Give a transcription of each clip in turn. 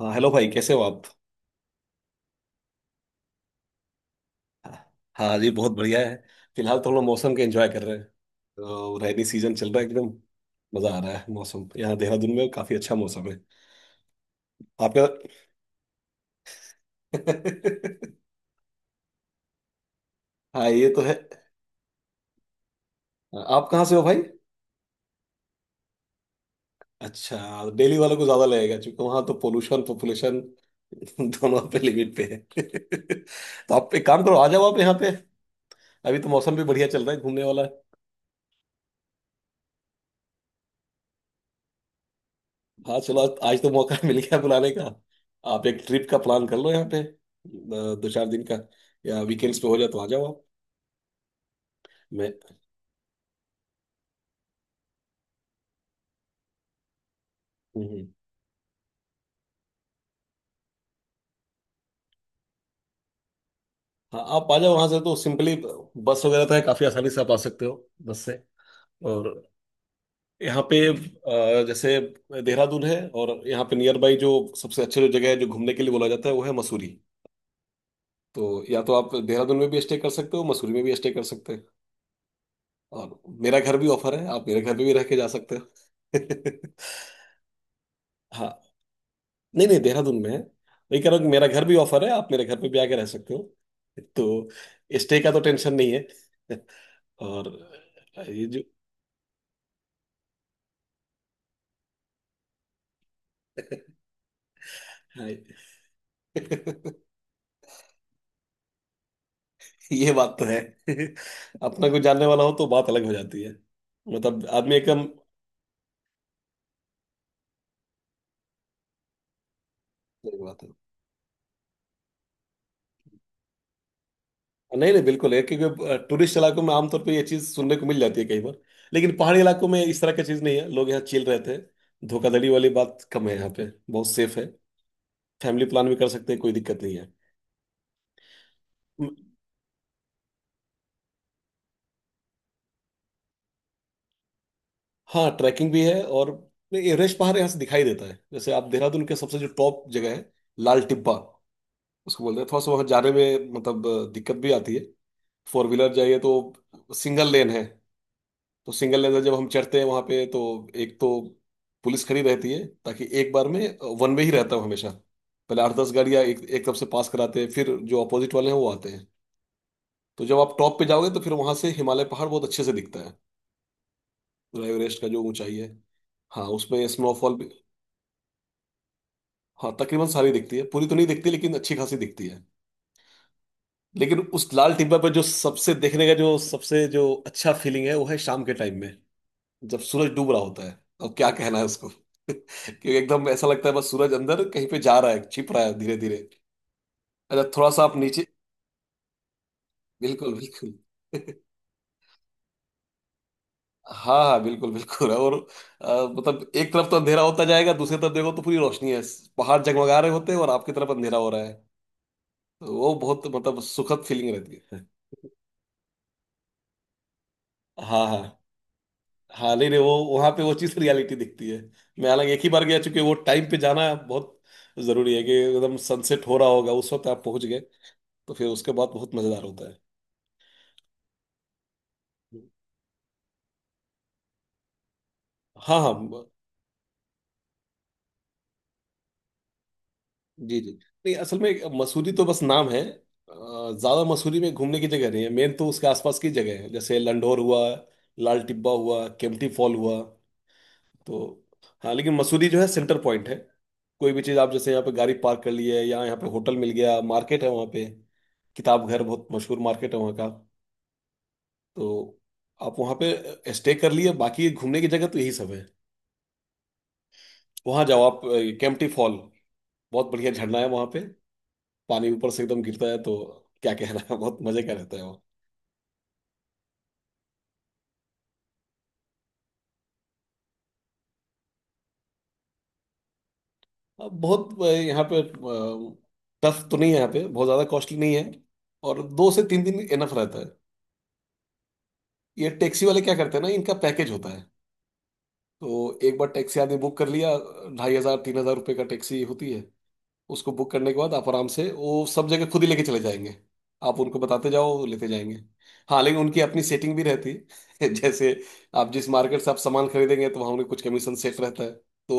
हाँ, हेलो भाई, कैसे हो आप? हाँ जी, बहुत बढ़िया है। फिलहाल तो हम लोग मौसम के एंजॉय कर रहे हैं। तो रेनी सीजन चल रहा है एकदम। मजा आ रहा है। मौसम यहाँ देहरादून में काफी अच्छा मौसम है। आपका। हाँ, ये तो है। आप कहाँ से हो भाई? अच्छा। दिल्ली वालों को ज्यादा लगेगा, क्योंकि वहाँ तो पोल्यूशन, पॉपुलेशन दोनों पे लिमिट पे है। तो आप एक काम करो, आ जाओ आप यहाँ पे। अभी तो मौसम भी बढ़िया चल रहा है घूमने वाला। हाँ, चलो। आज तो मौका मिल गया बुलाने का। आप एक ट्रिप का प्लान कर लो यहाँ पे 2-4 दिन का। या वीकेंड्स पे हो जाए तो आ जाओ आप। मैं। हम्म, हाँ, आप आ जाओ। वहां से तो सिंपली बस वगैरह तो है, काफी आसानी से आप आ सकते हो। बस से। और यहाँ पे जैसे देहरादून है, और यहाँ पे नियर बाई जो सबसे अच्छे जो जगह है जो घूमने के लिए बोला जाता है, वो है मसूरी। तो या तो आप देहरादून में भी स्टे कर सकते हो, मसूरी में भी स्टे कर सकते हैं। और मेरा घर भी ऑफर है, आप मेरे घर पे भी रह के जा सकते हो। हाँ। नहीं नहीं, देहरादून में है। वही कह रहा हूँ कि मेरा घर भी ऑफर है, आप मेरे घर पे भी आके रह सकते हो। तो स्टे का तो टेंशन नहीं है। और ये जो। हाँ, ये बात तो है। अपना कोई जानने वाला हो तो बात अलग हो जाती है। मतलब आदमी एकदम। सही बात है। नहीं नहीं, बिल्कुल है क्योंकि टूरिस्ट इलाकों में आमतौर पे ये चीज़ सुनने को मिल जाती है कई बार। लेकिन पहाड़ी इलाकों में इस तरह की चीज़ नहीं है। लोग यहाँ चिल रहते हैं, धोखाधड़ी वाली बात कम है, यहाँ पे बहुत सेफ है। फैमिली प्लान भी कर सकते हैं, कोई दिक्कत नहीं है। हाँ, ट्रैकिंग भी है और नहीं, एवरेस्ट पहाड़ यहाँ से दिखाई देता है। जैसे आप देहरादून के सबसे जो टॉप जगह है, लाल टिब्बा उसको बोलते हैं। थोड़ा सा वहाँ जाने में मतलब दिक्कत भी आती है। फोर व्हीलर जाइए तो सिंगल लेन है। तो सिंगल लेन से जब हम चढ़ते हैं वहाँ पे, तो एक तो पुलिस खड़ी रहती है, ताकि एक बार में वन वे ही रहता हूँ हमेशा। पहले 8-10 गाड़ियाँ एक एक तरफ से पास कराते हैं, फिर जो अपोजिट वाले हैं वो आते हैं। तो जब आप टॉप पे जाओगे तो फिर वहाँ से हिमालय पहाड़ बहुत अच्छे से दिखता है। पूरा एवरेस्ट का जो ऊंचाई है। हाँ, उसमें स्नोफॉल। हाँ, तकरीबन सारी दिखती है। पूरी तो नहीं दिखती लेकिन अच्छी खासी दिखती है। लेकिन उस लाल टिब्बा पर जो सबसे देखने का जो सबसे जो अच्छा फीलिंग है, वो है शाम के टाइम में। जब सूरज डूब रहा होता है, अब क्या कहना है उसको। क्योंकि एकदम ऐसा लगता है, बस सूरज अंदर कहीं पे जा रहा है, छिप रहा है धीरे धीरे। अच्छा, थोड़ा सा आप नीचे। बिल्कुल बिल्कुल। हाँ हाँ, बिल्कुल बिल्कुल। और मतलब एक तरफ तो अंधेरा होता जाएगा, दूसरी तरफ देखो तो पूरी रोशनी है। पहाड़ जगमगा रहे होते हैं और आपकी तरफ अंधेरा हो रहा है। तो वो बहुत मतलब सुखद फीलिंग रहती है। हाँ हाँ। हाँ, नहीं नहीं, वो वहां पे वो चीज रियलिटी दिखती है। मैं हालांकि एक ही बार गया, चूंकि वो टाइम पे जाना बहुत जरूरी है कि एकदम सनसेट हो रहा होगा उस वक्त आप पहुंच गए। तो फिर उसके बाद बहुत मजेदार होता है। हाँ हाँ। जी जी। नहीं, असल में मसूरी तो बस नाम है। ज्यादा मसूरी में घूमने की जगह नहीं है, मेन तो उसके आसपास की जगह है। जैसे लंढोर हुआ, लाल टिब्बा हुआ, केम्प्टी फॉल हुआ। तो हाँ, लेकिन मसूरी जो है सेंटर पॉइंट है। कोई भी चीज़ आप जैसे यहाँ पे गाड़ी पार्क कर ली है, या यहाँ पे होटल मिल गया, मार्केट है वहाँ पे। किताब घर बहुत मशहूर मार्केट है वहाँ का। तो आप वहाँ पे स्टे कर लिए, बाकी घूमने की जगह तो यही सब है। वहाँ जाओ आप। केम्प्टी फॉल बहुत बढ़िया झरना है वहाँ पे। पानी ऊपर से एकदम गिरता है, तो क्या कहना है। बहुत मजे का रहता है वो। अब बहुत यहाँ पे टफ तो नहीं है, यहाँ पे बहुत ज़्यादा कॉस्टली नहीं है। और 2 से 3 दिन इनफ रहता है। ये टैक्सी वाले क्या करते हैं ना, इनका पैकेज होता है। तो एक बार टैक्सी आदमी बुक कर लिया, ₹2,500-3,000 का टैक्सी होती है। उसको बुक करने के बाद आप आराम से वो सब जगह खुद ही लेके चले जाएंगे। आप उनको बताते जाओ, वो लेते जाएंगे। हाँ, लेकिन उनकी अपनी सेटिंग भी रहती है। जैसे आप जिस मार्केट से आप सामान खरीदेंगे, तो वहाँ उनके कुछ कमीशन सेट रहता है। तो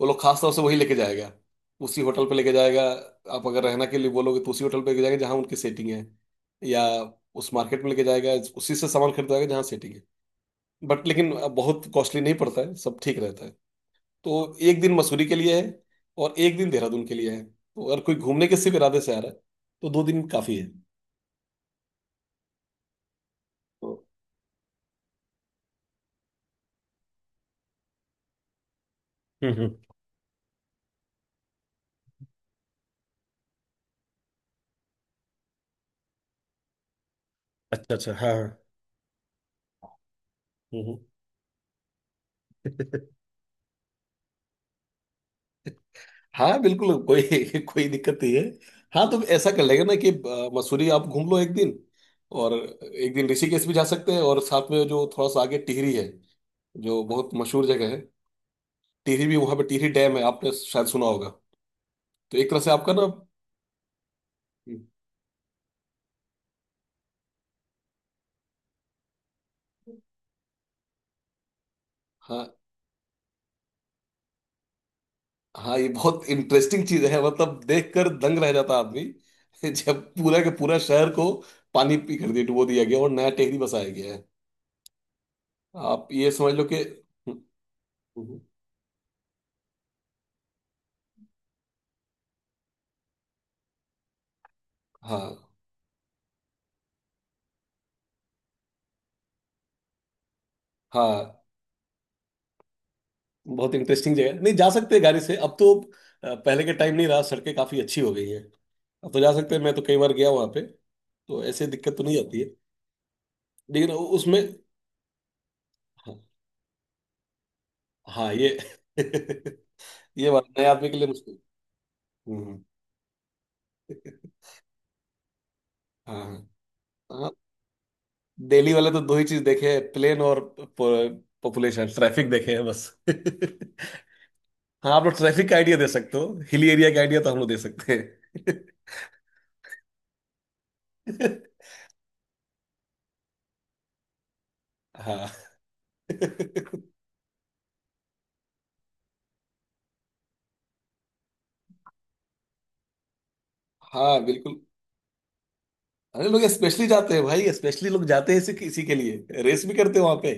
वो लोग खास तौर से वही लेके जाएगा, उसी होटल पे लेके जाएगा। आप अगर रहना के लिए बोलोगे तो उसी होटल पे लेके जाएंगे, जहाँ उनकी सेटिंग है। या उस मार्केट में लेके जाएगा, उसी से सामान खरीदवाएगा जहाँ सेटिंग है। बट लेकिन बहुत कॉस्टली नहीं पड़ता है, सब ठीक रहता है। तो एक दिन मसूरी के लिए है, और एक दिन देहरादून के लिए है। तो अगर कोई घूमने के सिर्फ इरादे से आ रहा है, तो 2 दिन काफी है। तो हम्म। अच्छा अच्छा, हाँ हाँ, हम्म हम्म। हाँ, बिल्कुल। कोई कोई दिक्कत नहीं है। हाँ, तो ऐसा कर लेगा ना कि मसूरी आप घूम लो एक दिन। और एक दिन ऋषिकेश भी जा सकते हैं, और साथ में जो थोड़ा सा आगे टिहरी है, जो बहुत मशहूर जगह है। टिहरी भी, वहाँ पे टिहरी डैम है, आपने शायद सुना होगा। तो एक तरह से आपका ना हाँ हाँ, ये बहुत इंटरेस्टिंग चीज है, मतलब देखकर दंग रह जाता आदमी। जब पूरा के पूरा शहर को पानी पी कर दिया, डुबो दिया गया, और नया टेहरी बसाया गया है। आप ये समझ लो कि हम्म, हम्म, हाँ हाँ, बहुत इंटरेस्टिंग जगह है। नहीं जा सकते हैं गाड़ी से अब तो पहले के टाइम नहीं रहा, सड़कें काफी अच्छी हो गई हैं। अब तो जा सकते हैं, मैं तो कई बार गया वहां पे। तो ऐसे दिक्कत तो नहीं आती है। लेकिन उसमें हाँ हाँ, ये ये बात नए आदमी के लिए मुश्किल। हम्म, हम्म, हाँ हाँ, दिल्ली वाले तो दो ही चीज देखे हैं, प्लेन और पॉपुलेशन, ट्रैफिक देखे हैं बस। हाँ, आप लोग ट्रैफिक का आइडिया दे सकते हो, हिली एरिया का आइडिया तो हम लोग दे सकते हैं। हाँ हाँ, बिल्कुल। अरे, लोग स्पेशली जाते हैं भाई, स्पेशली लोग जाते हैं इसी इसी के लिए, रेस भी करते हो वहां पे,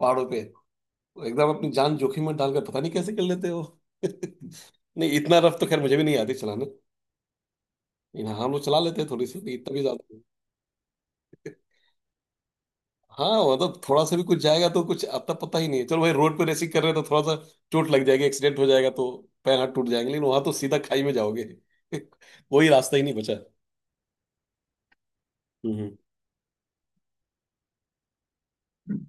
पहाड़ों पे। एकदम अपनी जान जोखिम में डालकर पता नहीं कैसे कर लेते हो। नहीं, इतना रफ तो खैर मुझे भी नहीं आती चलाने। हाँ, हम लोग चला लेते हैं थोड़ी सी, नहीं, इतना भी ज्यादा नहीं। हाँ, मतलब थोड़ा सा भी कुछ जाएगा तो कुछ आता पता ही नहीं है। चलो भाई, रोड पे रेसिंग कर रहे हैं तो थोड़ा सा चोट लग जाएगी, एक्सीडेंट हो जाएगा, तो पैर हाथ टूट जाएंगे, लेकिन वहां तो सीधा खाई में जाओगे। कोई रास्ता ही नहीं बचा। हम्म हम्म।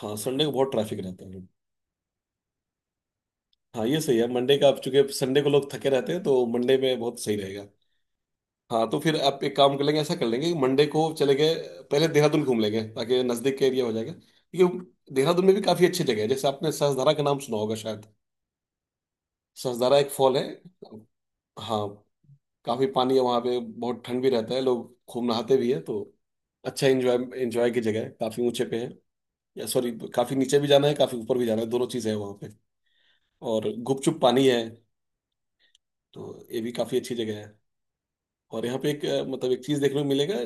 हाँ, संडे को बहुत ट्रैफिक रहता है। हाँ, ये सही है मंडे का। आप चूंकि संडे को लोग थके रहते हैं तो मंडे में बहुत सही रहेगा। हाँ, तो फिर आप एक काम कर लेंगे, ऐसा कर लेंगे कि मंडे को चले गए, पहले देहरादून घूम लेंगे, ताकि नज़दीक का एरिया हो जाएगा। क्योंकि देहरादून में भी काफ़ी अच्छी जगह है, जैसे आपने सहस्त्रधारा का नाम सुना होगा शायद। सहस्त्रधारा एक फॉल है। हाँ, काफी पानी है वहां पे, बहुत ठंड भी रहता है, लोग खूब नहाते भी है। तो अच्छा एंजॉय, एंजॉय की जगह है, काफी ऊंचे पे है। या सॉरी, काफी नीचे भी जाना है, काफी ऊपर भी जाना है, दोनों चीजें हैं वहां पे। और गुपचुप पानी है, तो ये भी काफी अच्छी जगह है। और यहाँ पे एक मतलब एक चीज देखने को मिलेगा।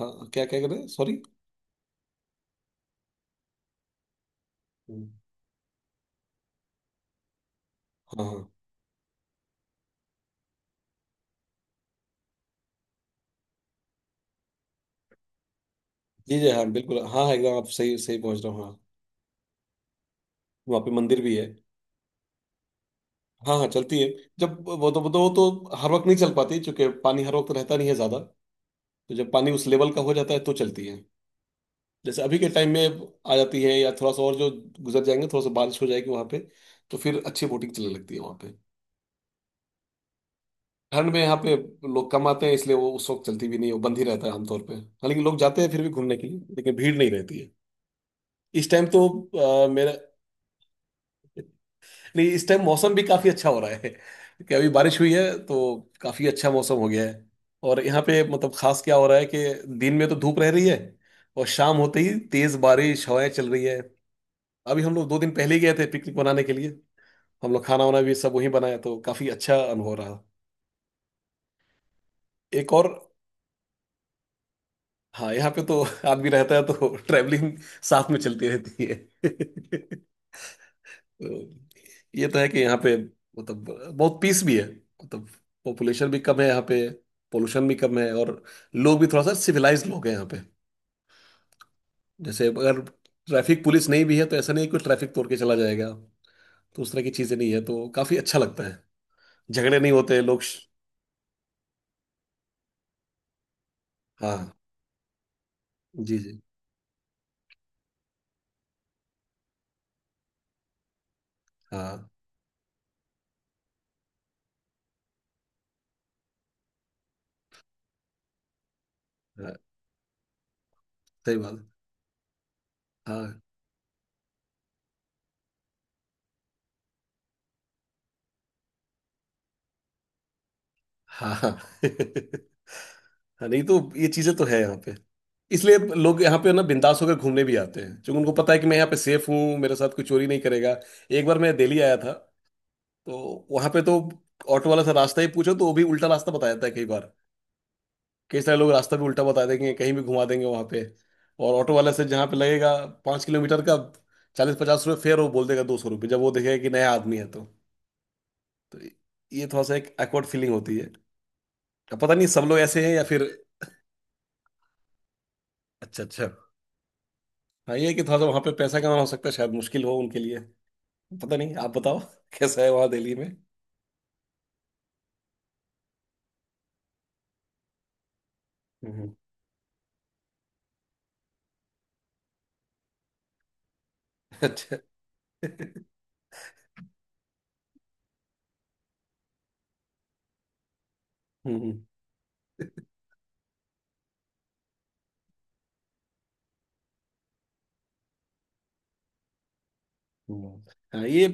हाँ, क्या क्या कर रहे हैं, सॉरी? हाँ हाँ, जी जी, हाँ बिल्कुल, हाँ हाँ, एकदम आप सही सही पहुंच रहे हो हाँ। वहाँ पे मंदिर भी है। हाँ हाँ, चलती है। जब वो तो हर वक्त नहीं चल पाती, क्योंकि पानी हर वक्त रहता नहीं है ज्यादा। तो जब पानी उस लेवल का हो जाता है तो चलती है। जैसे अभी के टाइम में आ जाती है, या थोड़ा सा और जो गुजर जाएंगे, थोड़ा सा बारिश हो जाएगी वहां पे, तो फिर अच्छी बोटिंग चलने लगती है वहां पे। ठंड में यहाँ पे लोग कम आते हैं, इसलिए वो उस वक्त चलती भी नहीं है, वो बंद ही रहता है आमतौर पे। हालांकि लोग जाते हैं फिर भी घूमने के लिए, लेकिन भीड़ नहीं रहती है इस टाइम तो मेरा नहीं इस टाइम मौसम भी काफी अच्छा हो रहा है कि अभी बारिश हुई है तो काफी अच्छा मौसम हो गया है। और यहाँ पे मतलब खास क्या हो रहा है कि दिन में तो धूप रह रही है और शाम होते ही तेज बारिश हवाएं चल रही है। अभी हम लोग दो दिन पहले ही गए थे पिकनिक मनाने के लिए। हम लोग खाना वाना भी सब वहीं बनाया तो काफी अच्छा अनुभव रहा। एक और। हाँ यहाँ पे तो आदमी रहता है तो ट्रैवलिंग साथ में चलती रहती है तो ये तो है कि यहाँ पे मतलब बहुत पीस भी है। मतलब पॉपुलेशन भी कम है यहाँ पे, पोल्यूशन भी कम है और लोग भी थोड़ा सा सिविलाइज लोग हैं यहाँ पे। जैसे अगर ट्रैफिक पुलिस नहीं भी है तो ऐसा नहीं है कि ट्रैफिक तोड़ के चला जाएगा। तो उस तरह की चीजें नहीं है तो काफी अच्छा लगता है। झगड़े नहीं होते लोग। हाँ। जी जी। हाँ हाँ, सही बात। हाँ हाँ हाँ हाँ, नहीं तो ये चीजें तो है यहाँ पे। इसलिए लोग यहाँ पे ना बिंदास होकर घूमने भी आते हैं क्योंकि उनको पता है कि मैं यहाँ पे सेफ हूँ, मेरे साथ कोई चोरी नहीं करेगा। एक बार मैं दिल्ली आया था तो वहां पे तो ऑटो वाला से रास्ता ही पूछो तो वो भी उल्टा रास्ता बता देता है कई बार। कई सारे लोग रास्ता भी उल्टा बता देंगे, कहीं भी घुमा देंगे वहां पे। और ऑटो वाले से जहाँ पे लगेगा 5 किलोमीटर का चालीस पचास रुपये फेयर, वो बोल देगा 200 रुपये जब वो देखेगा कि नया आदमी है तो ये थोड़ा सा एक एक्वर्ड फीलिंग होती है। अब पता नहीं सब लोग ऐसे हैं या फिर। अच्छा अच्छा। हाँ ये है कि थोड़ा सा वहां पे पैसा कमाना हो सकता है शायद मुश्किल हो उनके लिए। पता नहीं आप बताओ कैसा है वहां दिल्ली में। हम्म अच्छा। हम्म। हम्म। हाँ ये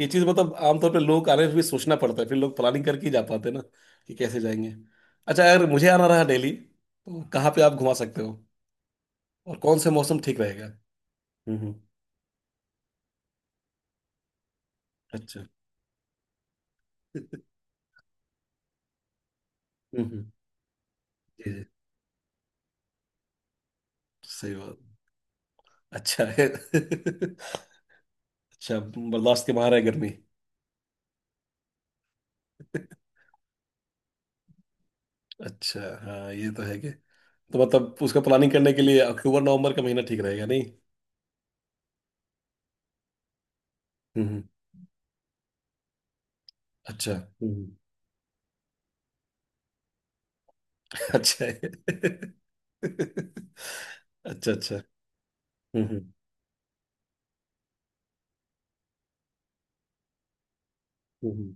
ये चीज मतलब आमतौर पे लोग आने में भी सोचना पड़ता है, फिर लोग प्लानिंग करके ही जा पाते हैं ना कि कैसे जाएंगे। अच्छा अगर मुझे आना रहा दिल्ली तो कहाँ पे आप घुमा सकते हो और कौन से मौसम ठीक रहेगा? हम्म। अच्छा। हम्म जी जी। सही बात। अच्छा है अच्छा। बर्दाश्त के बाहर है गर्मी। अच्छा। हाँ ये तो है कि तो मतलब उसका प्लानिंग करने के लिए अक्टूबर नवंबर का महीना ठीक रहेगा नहीं? हम्म हम्म, अच्छा। हम्म। अच्छा है अच्छा अच्छा। हम्म हम्म हम्म।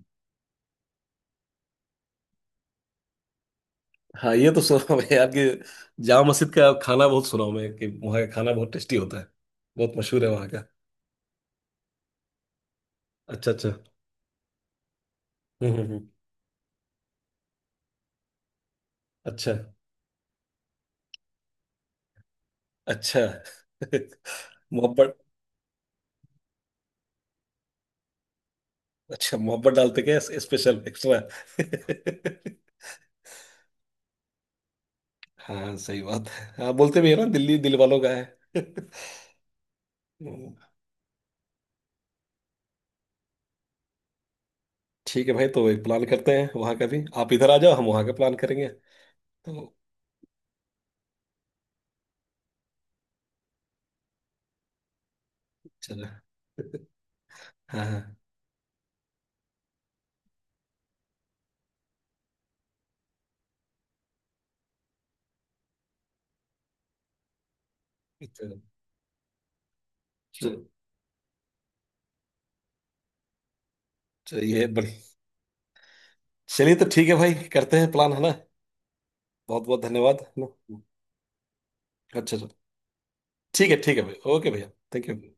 हाँ ये तो सुना मैं यार कि जामा मस्जिद का खाना बहुत सुना हूं मैं कि वहाँ का खाना बहुत टेस्टी होता है। बहुत मशहूर है वहाँ का। अच्छा अच्छा। हम्म हम्म हम्म। अच्छा अच्छा मोहब्बत। अच्छा मोहब्बत डालते क्या स्पेशल एक्स्ट्रा? हाँ सही बात है। हाँ बोलते भी है ना दिल्ली दिल वालों का है हम्म, ठीक है भाई तो एक प्लान करते हैं वहां का भी, आप इधर आ जाओ हम वहां का प्लान करेंगे तो। चलो। हाँ हाँ। चलो। चलो चलो, ये बड़ी। चलिए तो ठीक है भाई, करते हैं प्लान, है ना। बहुत बहुत धन्यवाद, है ना। अच्छा चलो। ठीक है भाई ओके भैया थैंक यू।